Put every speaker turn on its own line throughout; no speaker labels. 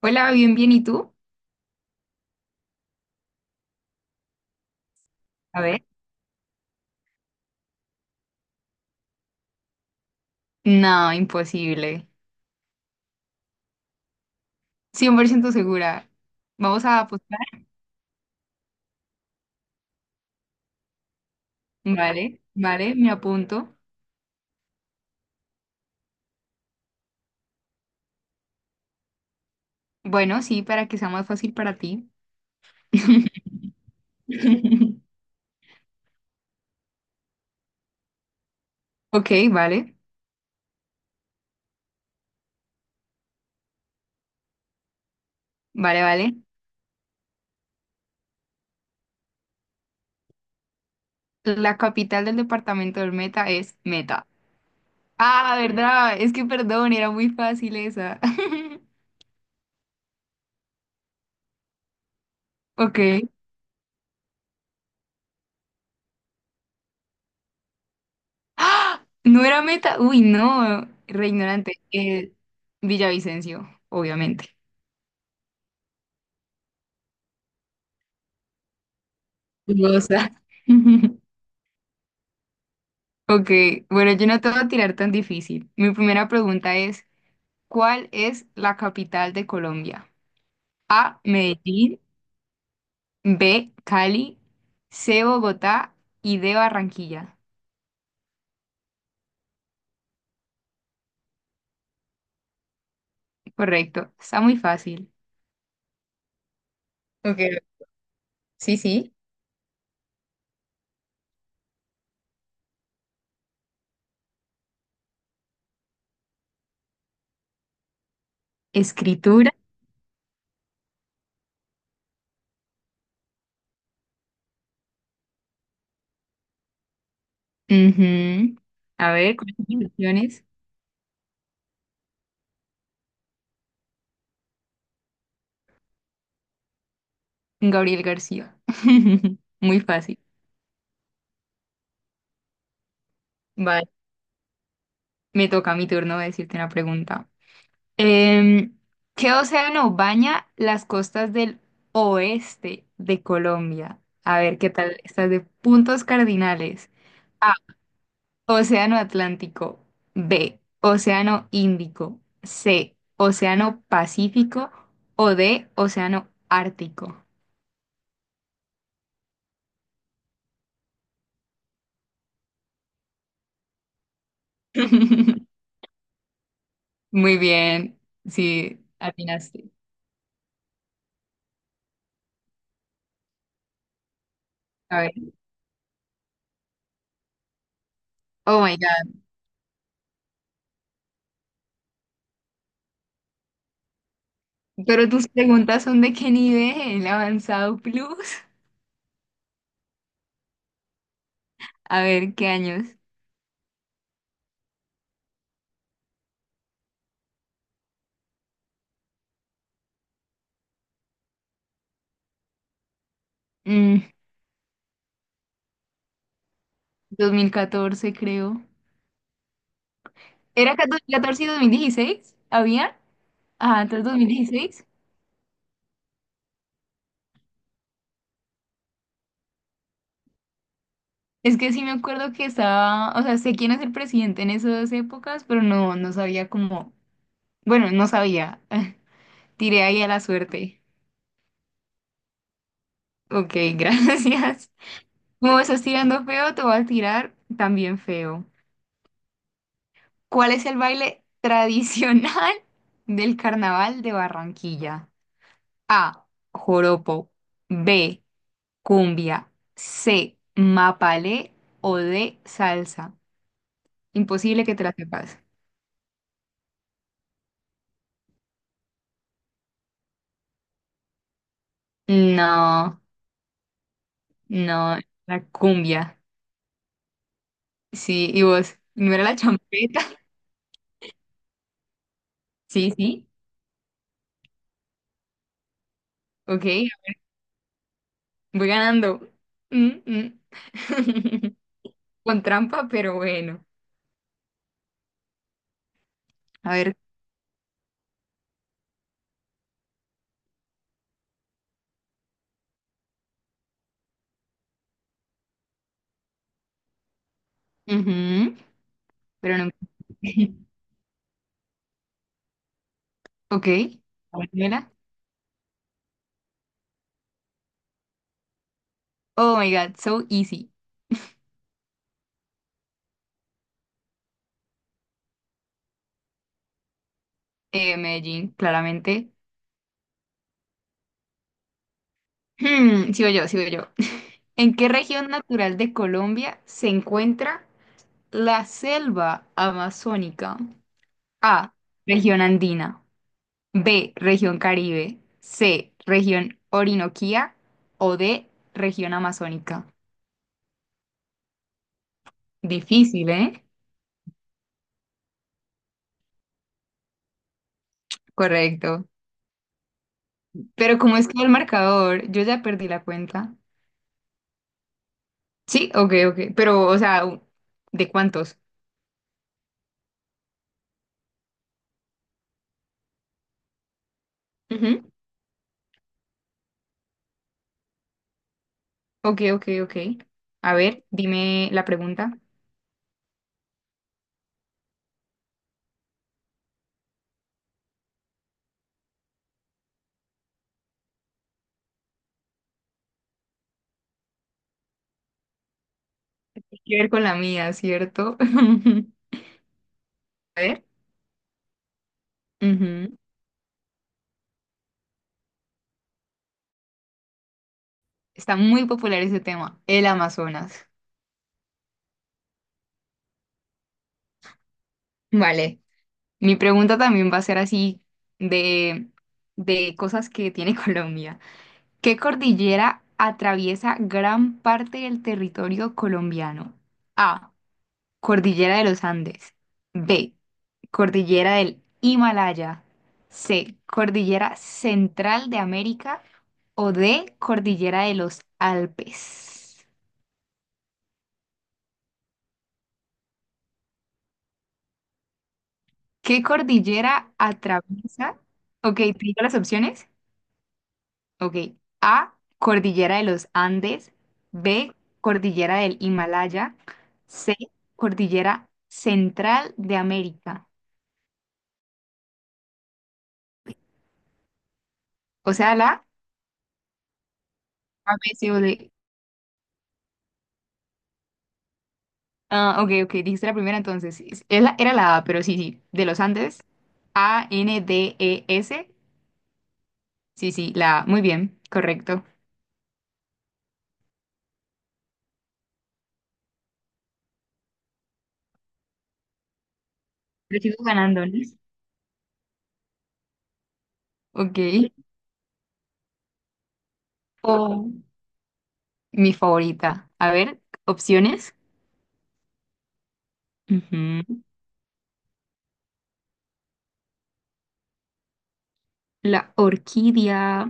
Hola, bien, bien, ¿y tú? A ver, no, imposible. Cien por ciento segura. Vamos a apostar. Vale, vale, me apunto. Bueno, sí, para que sea más fácil para ti. Ok, vale, vale, vale. La capital del departamento del Meta es Meta. Ah, ¿verdad? Es que perdón, era muy fácil esa. Ok. ¡Ah! No era Meta. Uy, no, re ignorante. Villavicencio, obviamente. Hermosa. Ok, bueno, yo no te voy a tirar tan difícil. Mi primera pregunta es, ¿cuál es la capital de Colombia? A, Medellín, B, Cali, C, Bogotá y D, Barranquilla. Correcto, está muy fácil. Ok, sí, sí. Escritura. Ujú. A ver, ¿cuáles son las opciones? Gabriel García. Muy fácil. Vale, me toca mi turno de decirte una pregunta. Em, ¿Qué océano baña las costas del oeste de Colombia? A ver, ¿qué tal? Estás de puntos cardinales. A, Océano Atlántico. B, Océano Índico. C, Océano Pacífico. O D, Océano Ártico. Muy bien, sí, atinaste. A ver, oh my God. Pero tus preguntas son de qué nivel, avanzado plus. A ver, ¿qué años? Mm, 2014 creo. ¿Era 2014 y 2016? ¿Había? Ah, entonces 2016. Es que sí me acuerdo que estaba, o sea, sé quién es el presidente en esas épocas, pero no, no sabía cómo. Bueno, no sabía. Tiré ahí a la suerte. Ok, gracias. Como estás tirando feo, te voy a tirar también feo. ¿Cuál es el baile tradicional del carnaval de Barranquilla? A, Joropo. B, Cumbia. C, Mapalé. O D, Salsa. Imposible que te la sepas. No, no, la cumbia. Sí, y vos, no era la champeta. Sí, sí, ok, voy ganando. Mm, mm. Con trampa, pero bueno. A ver, ujú, pero no. Ok, a ver, dímela. Oh my God, so easy. Medellín, claramente. Sigo yo, sigo yo. ¿En qué región natural de Colombia se encuentra la selva amazónica? A, Región andina. B, Región Caribe. C, Región Orinoquía. O D, Región amazónica. Difícil, ¿eh? Correcto. Pero ¿cómo es que el marcador? Yo ya perdí la cuenta. Sí, ok, ok. Pero, o sea, ¿de cuántos? Ujú. Ok, ok, ok. A ver, dime la pregunta. Tiene que ver con la mía, ¿cierto? A ver. Ujú. Está muy popular ese tema, el Amazonas. Vale, mi pregunta también va a ser así de, de cosas que tiene Colombia. ¿Qué cordillera atraviesa gran parte del territorio colombiano? A, Cordillera de los Andes. B, Cordillera del Himalaya. C, Cordillera Central de América. O D, Cordillera de los Alpes. ¿Qué cordillera atraviesa? Ok, ¿te digo las opciones? Ok. A, cordillera de los Andes. B, cordillera del Himalaya. C, cordillera central de América. O sea, la A, B, C o D. Ah, ok, ok, dijiste la primera entonces. Era la A, pero sí, sí, de los Andes. A, N, D, E, S. Sí, sí, la A. Muy bien, correcto. Pero sigo ganando, ¿no? Ok. O mi favorita. A ver, opciones. Ujú. La orquídea.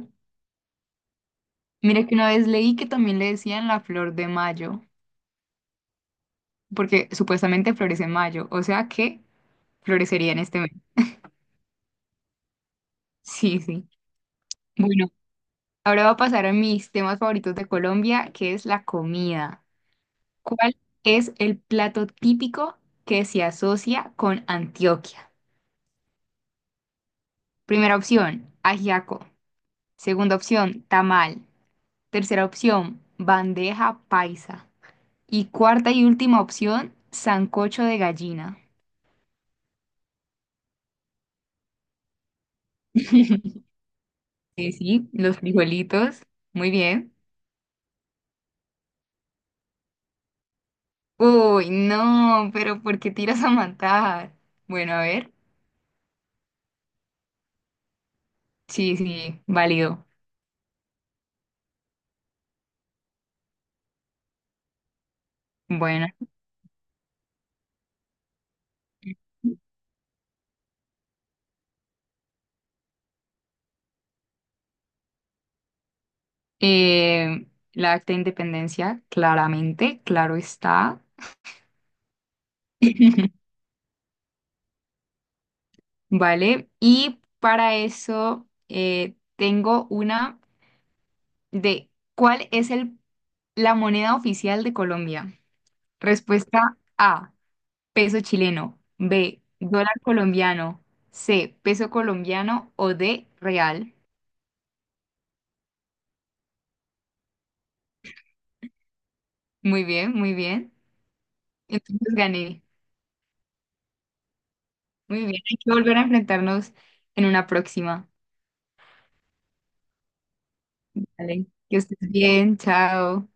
Mira que una vez leí que también le decían la flor de mayo, porque supuestamente florece en mayo, o sea que florecería en este mes. Sí, sí. Bueno, ahora va a pasar a mis temas favoritos de Colombia, que es la comida. ¿Cuál es el plato típico que se asocia con Antioquia? Primera opción, ajiaco. Segunda opción, tamal. Tercera opción, bandeja paisa. Y cuarta y última opción, sancocho de gallina. Sí, sí, los frijolitos. Muy bien. Uy, no, pero ¿por qué tiras a matar? Bueno, a ver. Sí, sí, válido. Bueno. Eh, la acta de independencia, claramente, claro está. Vale. Y para eso tengo una de ¿cuál es la moneda oficial de Colombia? Respuesta A, peso chileno. B, dólar colombiano. C, peso colombiano. O D, real. Muy bien, muy bien. Entonces gané. Muy bien, hay que volver a enfrentarnos en una próxima. Vale. Que estés bien, chao.